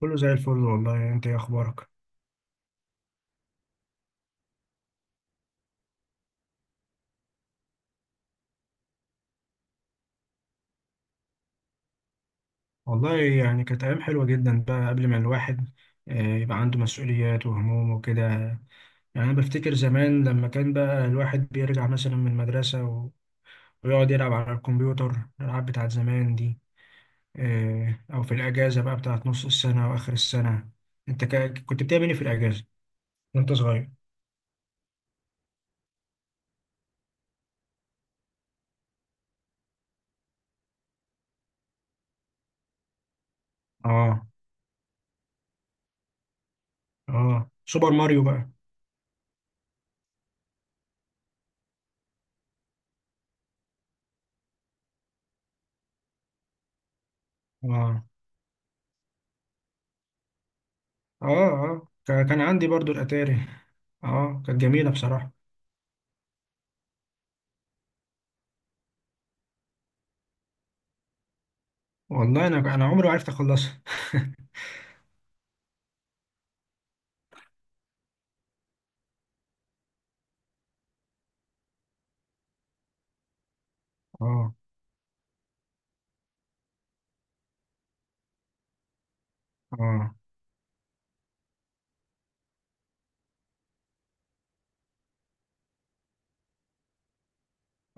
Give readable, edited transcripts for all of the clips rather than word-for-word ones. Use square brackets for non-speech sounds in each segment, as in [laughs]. كله زي الفل والله. انت ايه اخبارك؟ والله يعني كانت ايام حلوه جدا بقى قبل ما الواحد يبقى عنده مسؤوليات وهموم وكده. يعني انا بفتكر زمان لما كان بقى الواحد بيرجع مثلا من ويقعد يلعب على الكمبيوتر الالعاب بتاعت زمان دي. او في الاجازه بقى بتاعت نص السنه واخر السنه. انت كنت بتعمل ايه في الاجازه وانت صغير؟ اه. اه، سوبر ماريو بقى. اه اه. اه كان عندي برضو الاتاري. اه، كانت جميله بصراحه. والله انا عمري ما عرفت اخلصها. [laughs] اه. اه.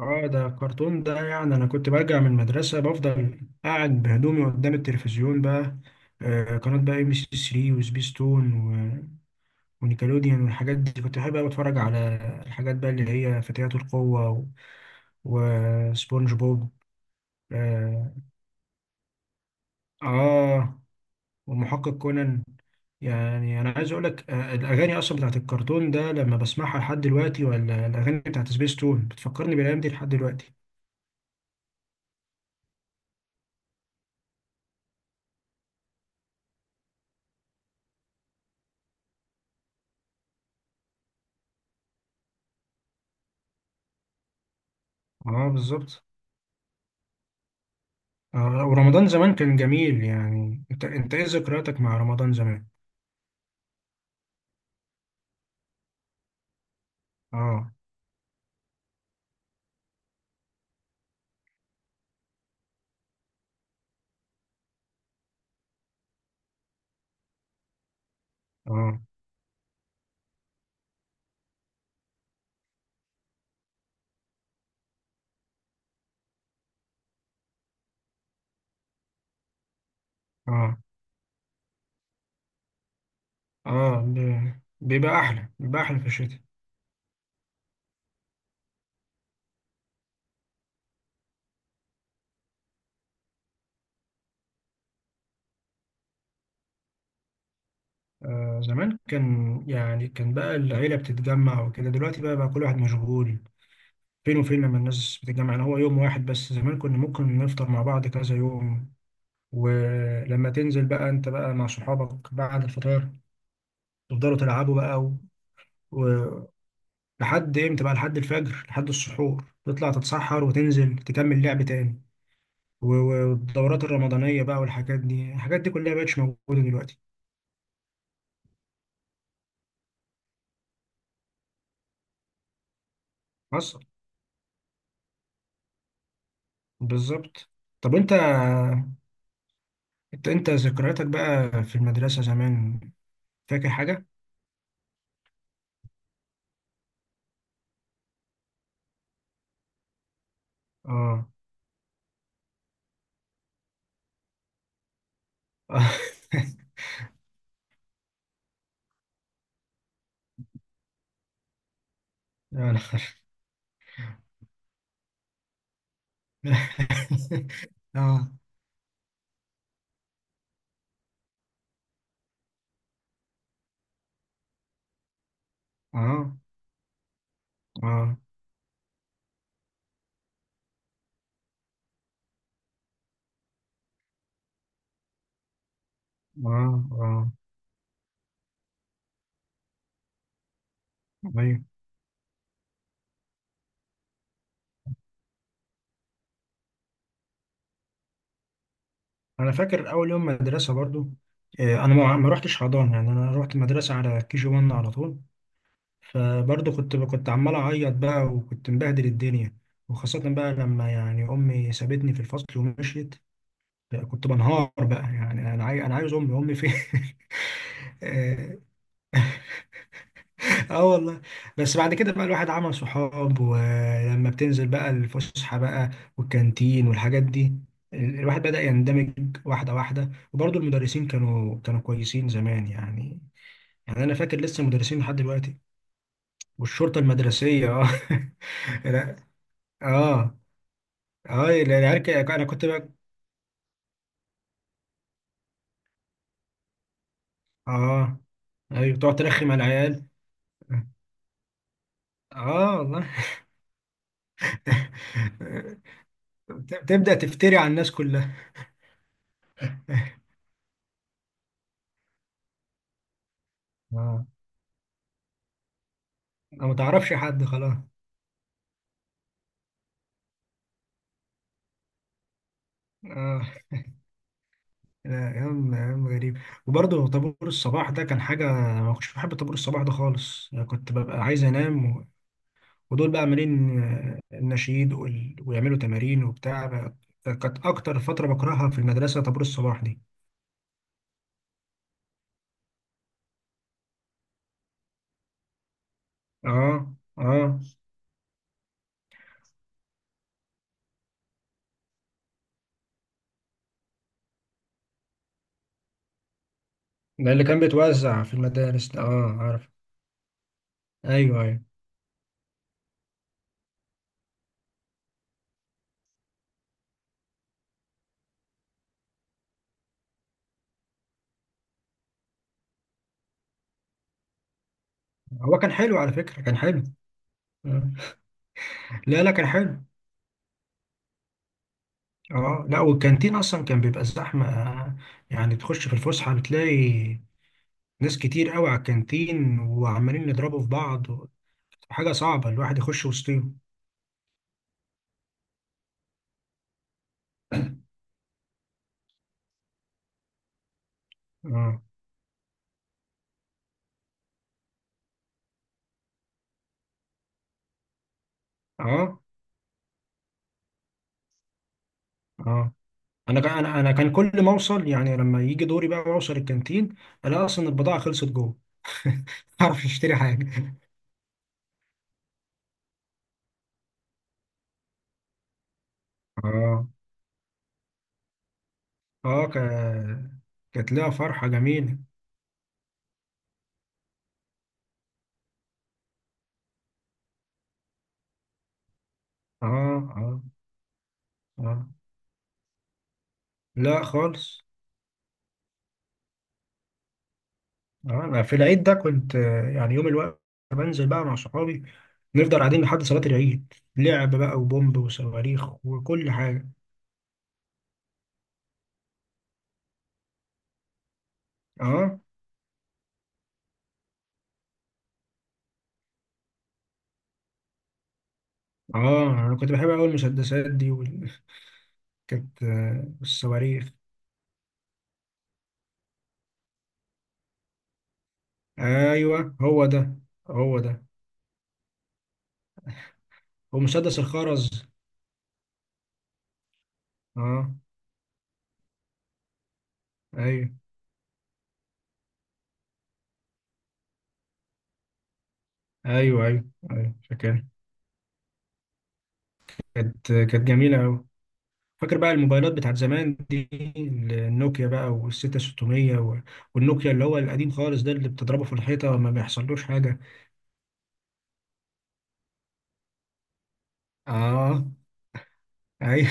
اه، ده الكرتون ده. يعني انا كنت برجع من المدرسه بفضل قاعد بهدومي قدام التلفزيون بقى. آه، قناه بقى ام سي 3 ونيكلوديان والحاجات دي كنت بحب قوي اتفرج على الحاجات بقى اللي هي: فتيات وسبونج بوب. اه، آه، والمحقق كونان. يعني انا عايز اقول لك، الاغاني اصلا بتاعت الكرتون ده لما بسمعها لحد دلوقتي، ولا الاغاني بتاعت سبيس تون، بتفكرني بالايام دي لحد دلوقتي. اه، بالظبط. آه، ورمضان زمان كان جميل. يعني انت ايه ذكرياتك مع رمضان زمان؟ اه. اه. اه. اه، بيبقى احلى، بيبقى احلى في الشتاء. آه، زمان كان يعني، كان بقى العيلة بتتجمع وكده. دلوقتي بقى كل واحد مشغول. فين وفين لما الناس بتتجمع؟ يعني هو يوم واحد بس. زمان كنا ممكن نفطر مع بعض كذا يوم. ولما تنزل بقى انت بقى مع صحابك بعد الفطار، تفضلوا تلعبوا بقى، و... و... لحد امتى بقى، لحد الفجر، لحد السحور، تطلع تتسحر وتنزل تكمل لعب تاني. والدورات الرمضانية بقى والحاجات دي، الحاجات دي كلها مبقتش موجودة دلوقتي. حصل. بالظبط. طب انت، انت ذكرياتك بقى في المدرسة زمان، فاكر حاجة؟ اه. اه. [laughs] يا نهار! [laughs] اه. اه. اه. اه. اه. ايوه، انا فاكر اول يوم مدرسه برضو. انا ما رحتش حضانه، يعني انا رحت مدرسه على كي جي 1 على طول. فبرضو كنت عمال اعيط بقى، وكنت مبهدل الدنيا. وخاصه بقى لما يعني امي سابتني في الفصل ومشيت، كنت بنهار بقى. يعني انا انا عايز امي، امي فين؟ [laughs] اه والله. بس بعد كده بقى الواحد عمل صحاب، ولما بتنزل بقى الفسحة بقى، والكانتين والحاجات دي، الواحد بدأ يندمج واحدة واحدة. وبرضه المدرسين كانوا كويسين زمان يعني. يعني أنا فاكر لسه مدرسين لحد دلوقتي. والشرطة المدرسية، اه. [laughs] لا. اه. اه، العيال، أنا كنت بقى. اه، ايوه، تقعد ترخم على العيال. اه والله. [laughs] تبدأ تفتري على الناس كلها. [laughs] اه، ما تعرفش حد خلاص. آه، لا، أيام غريبة. وبرضه طابور الصباح ده كان حاجة. ما كنتش بحب طابور الصباح ده خالص. يعني كنت ببقى عايز أنام، و... ودول بقى عاملين، النشيد ويعملوا تمارين وبتاع بقى. كانت أكتر فترة بكرهها في المدرسة طابور الصباح دي. آه. آه. ده اللي كان بيتوزع في المدارس ده، آه عارف. أيوه أيوه، هو كان حلو على فكرة، كان حلو. آه. لا لا، كان حلو. آه لا، والكانتين أصلا كان بيبقى زحمة. يعني تخش في الفسحة بتلاقي ناس كتير قوي على الكانتين، وعمالين يضربوا في بعض. حاجة صعبة الواحد يخش وسطهم. اه. اه. اه، انا كان، انا أنا كان كل ما اوصل، يعني لما يجي دوري بقى اوصل الكانتين، الاقي اصلا البضاعة خلصت جوه. [laughs] اعرف اشتري حاجة. اه. اه. كانت لها فرحة جميلة. اه. اه. اه. لا خالص. انا في العيد ده كنت، يعني يوم الوقت بنزل بقى مع صحابي، نفضل قاعدين لحد صلاة العيد، لعب بقى وبومب وصواريخ وكل حاجة. اه. اه، انا كنت بحب اقول المسدسات دي [laughs] كانت الصواريخ. ايوه، هو ده، هو ده. ومسدس الخرز. اه. ايوه ايوه. ايوه، ايوه فاكر. كانت جميلة أوي. فاكر بقى الموبايلات بتاعت زمان دي، النوكيا بقى، والستة 600، والنوكيا اللي هو القديم خالص ده، اللي بتضربه في الحيطة ما بيحصلوش حاجة. اه. اي.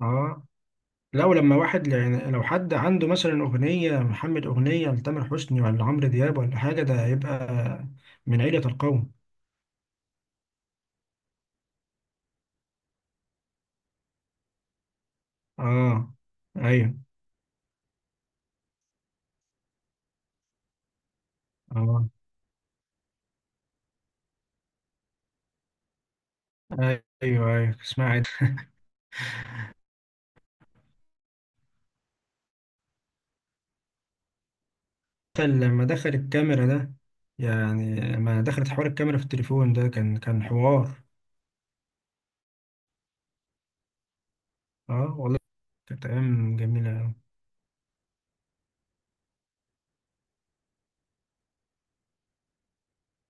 اه، لو لما واحد يعني، لو حد عنده مثلا أغنية محمد، أغنية لتامر حسني ولا عمرو دياب ولا حاجة، ده هيبقى من عيلة القوم. اه. ايوه. اه. ايوه. ايوه اسمع. دخل لما دخل الكاميرا ده، يعني لما دخلت حوار الكاميرا في التليفون ده، كان حوار. اه والله. كانت ايام جميله أوي.